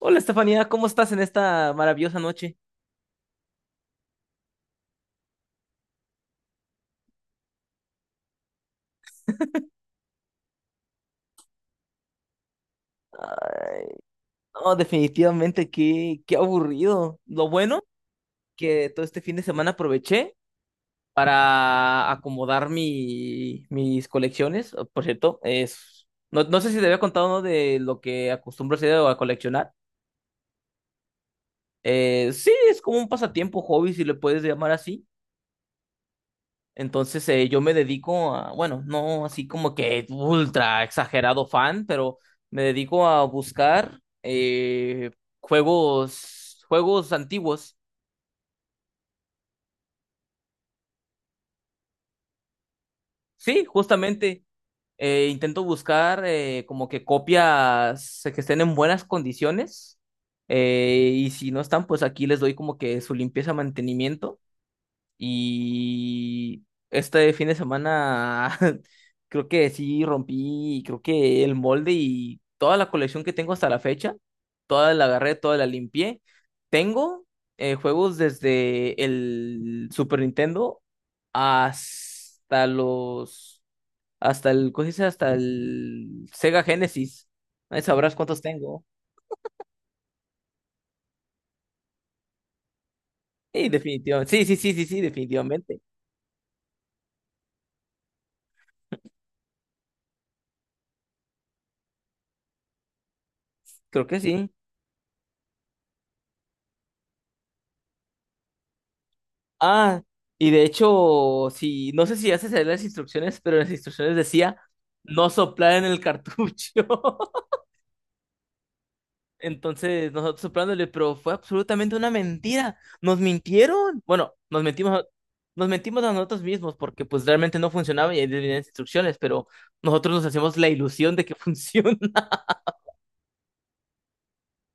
Hola Estefanía, ¿cómo estás en esta maravillosa noche? Ah, no, definitivamente qué aburrido. Lo bueno que todo este fin de semana aproveché para acomodar mis colecciones. Por cierto, no, no sé si te había contado, ¿no?, de lo que acostumbro a hacer o a coleccionar. Sí, es como un pasatiempo, hobby, si le puedes llamar así. Entonces, yo me dedico a, bueno, no así como que ultra exagerado fan, pero me dedico a buscar juegos antiguos. Sí, justamente intento buscar como que copias que estén en buenas condiciones, y si no están, pues aquí les doy como que su limpieza, mantenimiento. Y este fin de semana creo que el molde, y toda la colección que tengo hasta la fecha toda la agarré, toda la limpié. Tengo, juegos desde el Super Nintendo hasta los, hasta el, ¿cómo se dice? Hasta el Sega Genesis. Ahí sabrás cuántos tengo. Sí, definitivamente. Sí, sí, sí, sí, sí, definitivamente. Creo que sí. Ah, y de hecho, si no sé si haces leer las instrucciones, pero en las instrucciones decía no soplar en el cartucho. Entonces, nosotros soplándole, pero fue absolutamente una mentira. Nos mintieron. Bueno, nos mentimos, nos mentimos a nosotros mismos porque pues realmente no funcionaba y ahí venían las instrucciones, pero nosotros nos hacemos la ilusión de que funciona.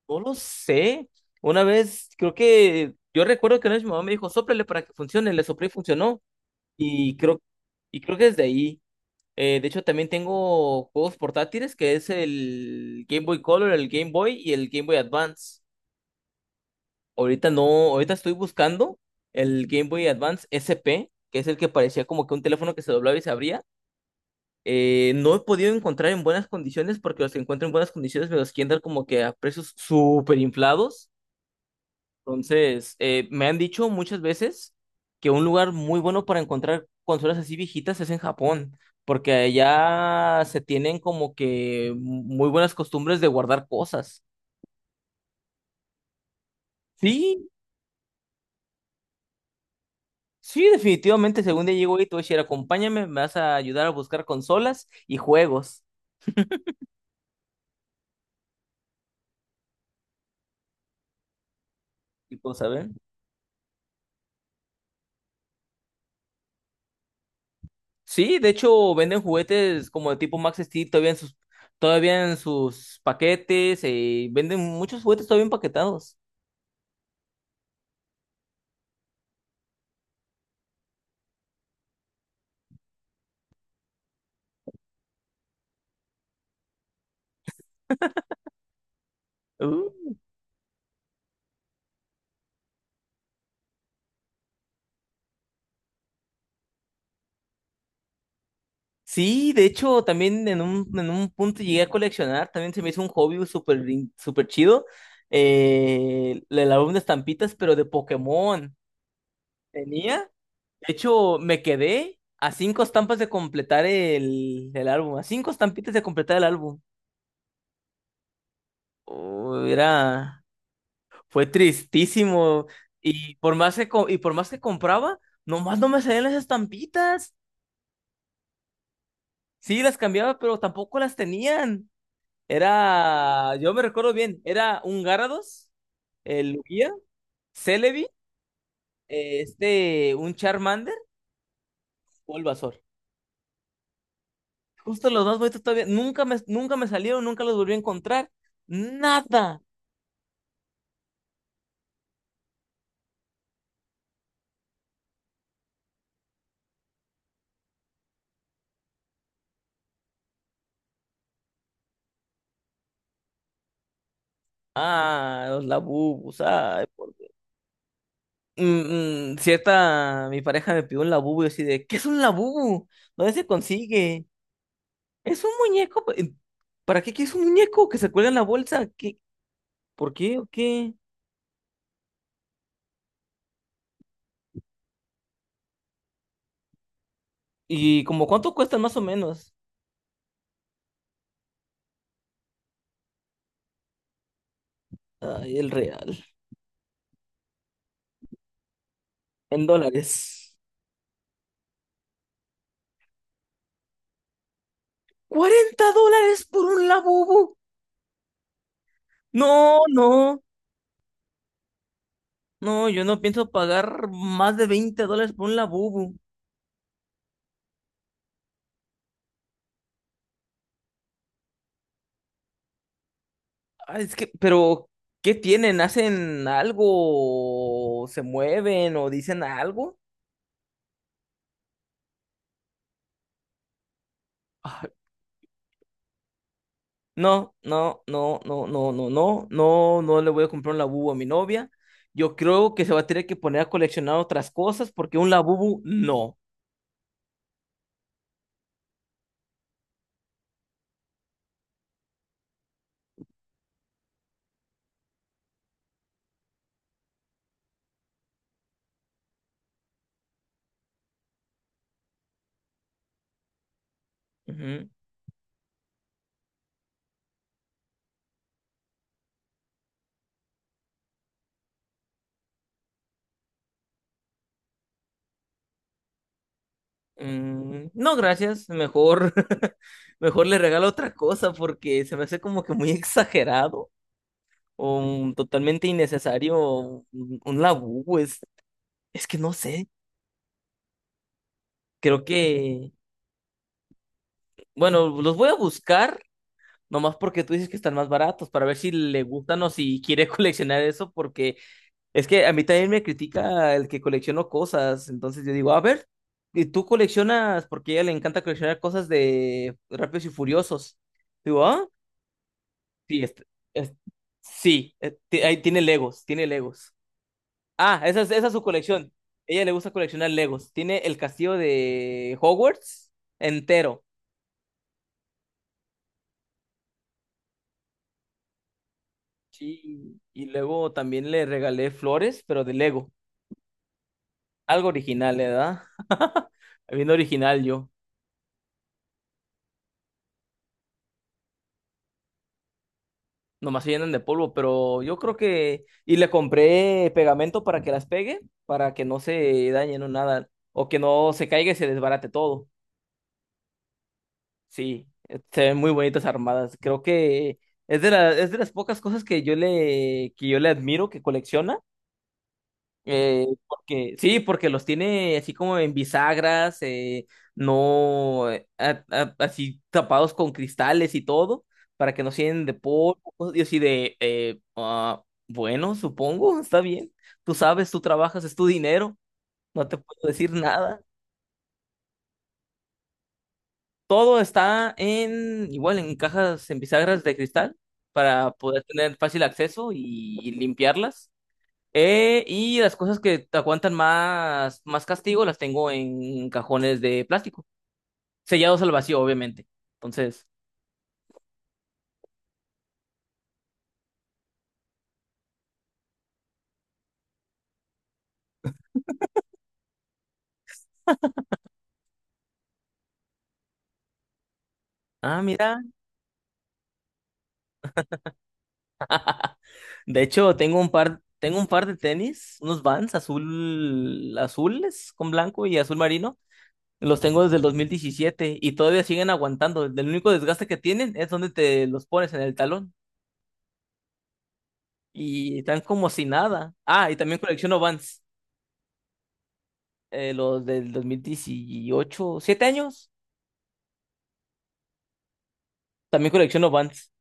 No lo sé. Una vez, creo que yo recuerdo que una vez mi mamá me dijo, sóplale para que funcione, le soplé y funcionó. Y creo, y creo que desde ahí. De hecho, también tengo juegos portátiles, que es el Game Boy Color, el Game Boy y el Game Boy Advance. Ahorita no, ahorita estoy buscando el Game Boy Advance SP, que es el que parecía como que un teléfono que se doblaba y se abría. No he podido encontrar en buenas condiciones porque los que encuentro en buenas condiciones me los quieren dar como que a precios súper inflados. Entonces, me han dicho muchas veces que un lugar muy bueno para encontrar consolas así viejitas es en Japón, porque allá se tienen como que muy buenas costumbres de guardar cosas. Sí, sí, definitivamente, según día llegó y te voy acompáñame, me vas a ayudar a buscar consolas y juegos y cosas, ¿ven? Sí, de hecho, venden juguetes como de tipo Max Steel todavía en sus paquetes. Venden muchos juguetes todavía empaquetados. Sí, de hecho, también en un punto llegué a coleccionar, también se me hizo un hobby súper chido, el álbum de estampitas, pero de Pokémon. Tenía, de hecho, me quedé a cinco estampas de completar el álbum, a cinco estampitas de completar el álbum. Oh, fue tristísimo, y por más que, co- y por más que compraba, nomás no me salían las estampitas. Sí, las cambiaba, pero tampoco las tenían. Yo me recuerdo bien, era un Gyarados, el Lugia, Celebi, este, un Charmander o el Bulbasaur. Justo los más bonitos todavía, nunca me salieron, nunca los volví a encontrar. Nada. Ah, los Labubus, ay, por Dios. Cierta, mi pareja me pidió un Labubu y yo así de, ¿qué es un Labubu? ¿Dónde se consigue? Es un muñeco. ¿Para qué quieres un muñeco que se cuelga en la bolsa? ¿Qué? ¿Por qué o qué? ¿Y como cuánto cuestan más o menos? Ay, el real. En dólares. ¡40 dólares por un labubu! No, no, no, yo no pienso pagar más de 20 dólares por un labubu. Ah, es que, pero, ¿qué tienen? ¿Hacen algo? ¿Se mueven o dicen algo? Ah, no, no, no, no, no, no, no, no, no le voy a comprar un labubu a mi novia. Yo creo que se va a tener que poner a coleccionar otras cosas porque un labubu no. Ujú. Mm, no, gracias. Mejor, mejor le regalo otra cosa porque se me hace como que muy exagerado o totalmente innecesario un labú. Es que no sé. Creo que, bueno, los voy a buscar nomás porque tú dices que están más baratos, para ver si le gustan o si quiere coleccionar eso, porque es que a mí también me critica el que colecciono cosas. Entonces yo digo, a ver, ¿y tú coleccionas? Porque a ella le encanta coleccionar cosas de Rápidos y Furiosos. Digo, ah. Sí, es- sí, ahí tiene Legos, tiene Legos. Ah, esa es su colección. Ella le gusta coleccionar Legos. Tiene el castillo de Hogwarts entero. Sí, y luego también le regalé flores, pero de Lego. Algo original, ¿eh? ¿Verdad? Bien original yo. Nomás se llenan de polvo, pero yo creo que. Y le compré pegamento para que las pegue, para que no se dañen o nada, o que no se caiga y se desbarate todo. Sí, se ven muy bonitas armadas. Creo que es de las pocas cosas que yo le admiro que colecciona, porque, sí, porque los tiene así como en bisagras, no, así tapados con cristales y todo, para que no se llenen de polvo, y así de bueno, supongo, está bien. Tú sabes, tú trabajas, es tu dinero, no te puedo decir nada. Todo está en, igual, en cajas, en bisagras de cristal, para poder tener fácil acceso y limpiarlas. Y las cosas que te aguantan más, más castigo las tengo en cajones de plástico, sellados al vacío, obviamente. Entonces, mira. De hecho, tengo un par de tenis, unos Vans azules con blanco y azul marino. Los tengo desde el 2017 y todavía siguen aguantando. El único desgaste que tienen es donde te los pones en el talón. Y están como si nada. Ah, y también colecciono Vans. Los del 2018, ¿7 años? También colecciono Vans.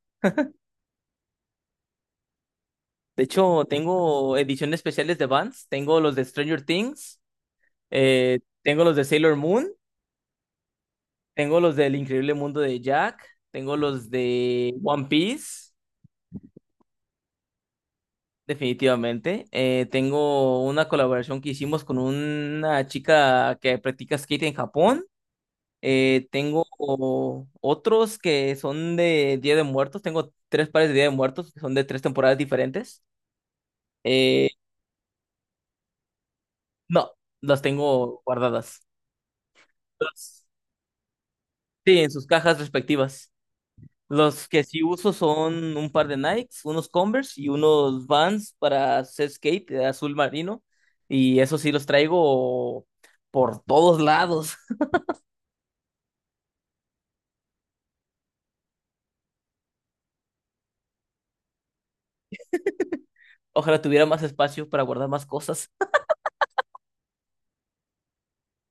De hecho, tengo ediciones especiales de Vans. Tengo los de Stranger Things. Tengo los de Sailor Moon. Tengo los del Increíble Mundo de Jack. Tengo los de One Piece. Definitivamente. Tengo una colaboración que hicimos con una chica que practica skate en Japón. Tengo otros que son de Día de Muertos. Tengo tres pares de Día de Muertos que son de tres temporadas diferentes. Eh, no, las tengo guardadas. Los- sí, en sus cajas respectivas. Los que sí uso son un par de Nikes, unos Converse y unos Vans para hacer skate de azul marino. Y eso sí los traigo por todos lados. Ojalá tuviera más espacio para guardar más cosas.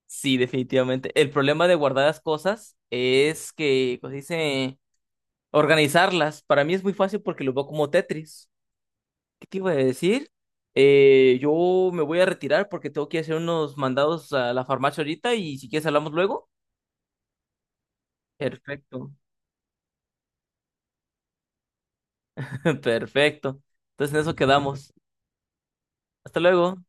Sí, definitivamente. El problema de guardar las cosas es que, pues dice, organizarlas. Para mí es muy fácil porque lo veo como Tetris. ¿Qué te iba a decir? Yo me voy a retirar porque tengo que hacer unos mandados a la farmacia ahorita, y si quieres hablamos luego. Perfecto, perfecto. Entonces en eso quedamos. Hasta luego.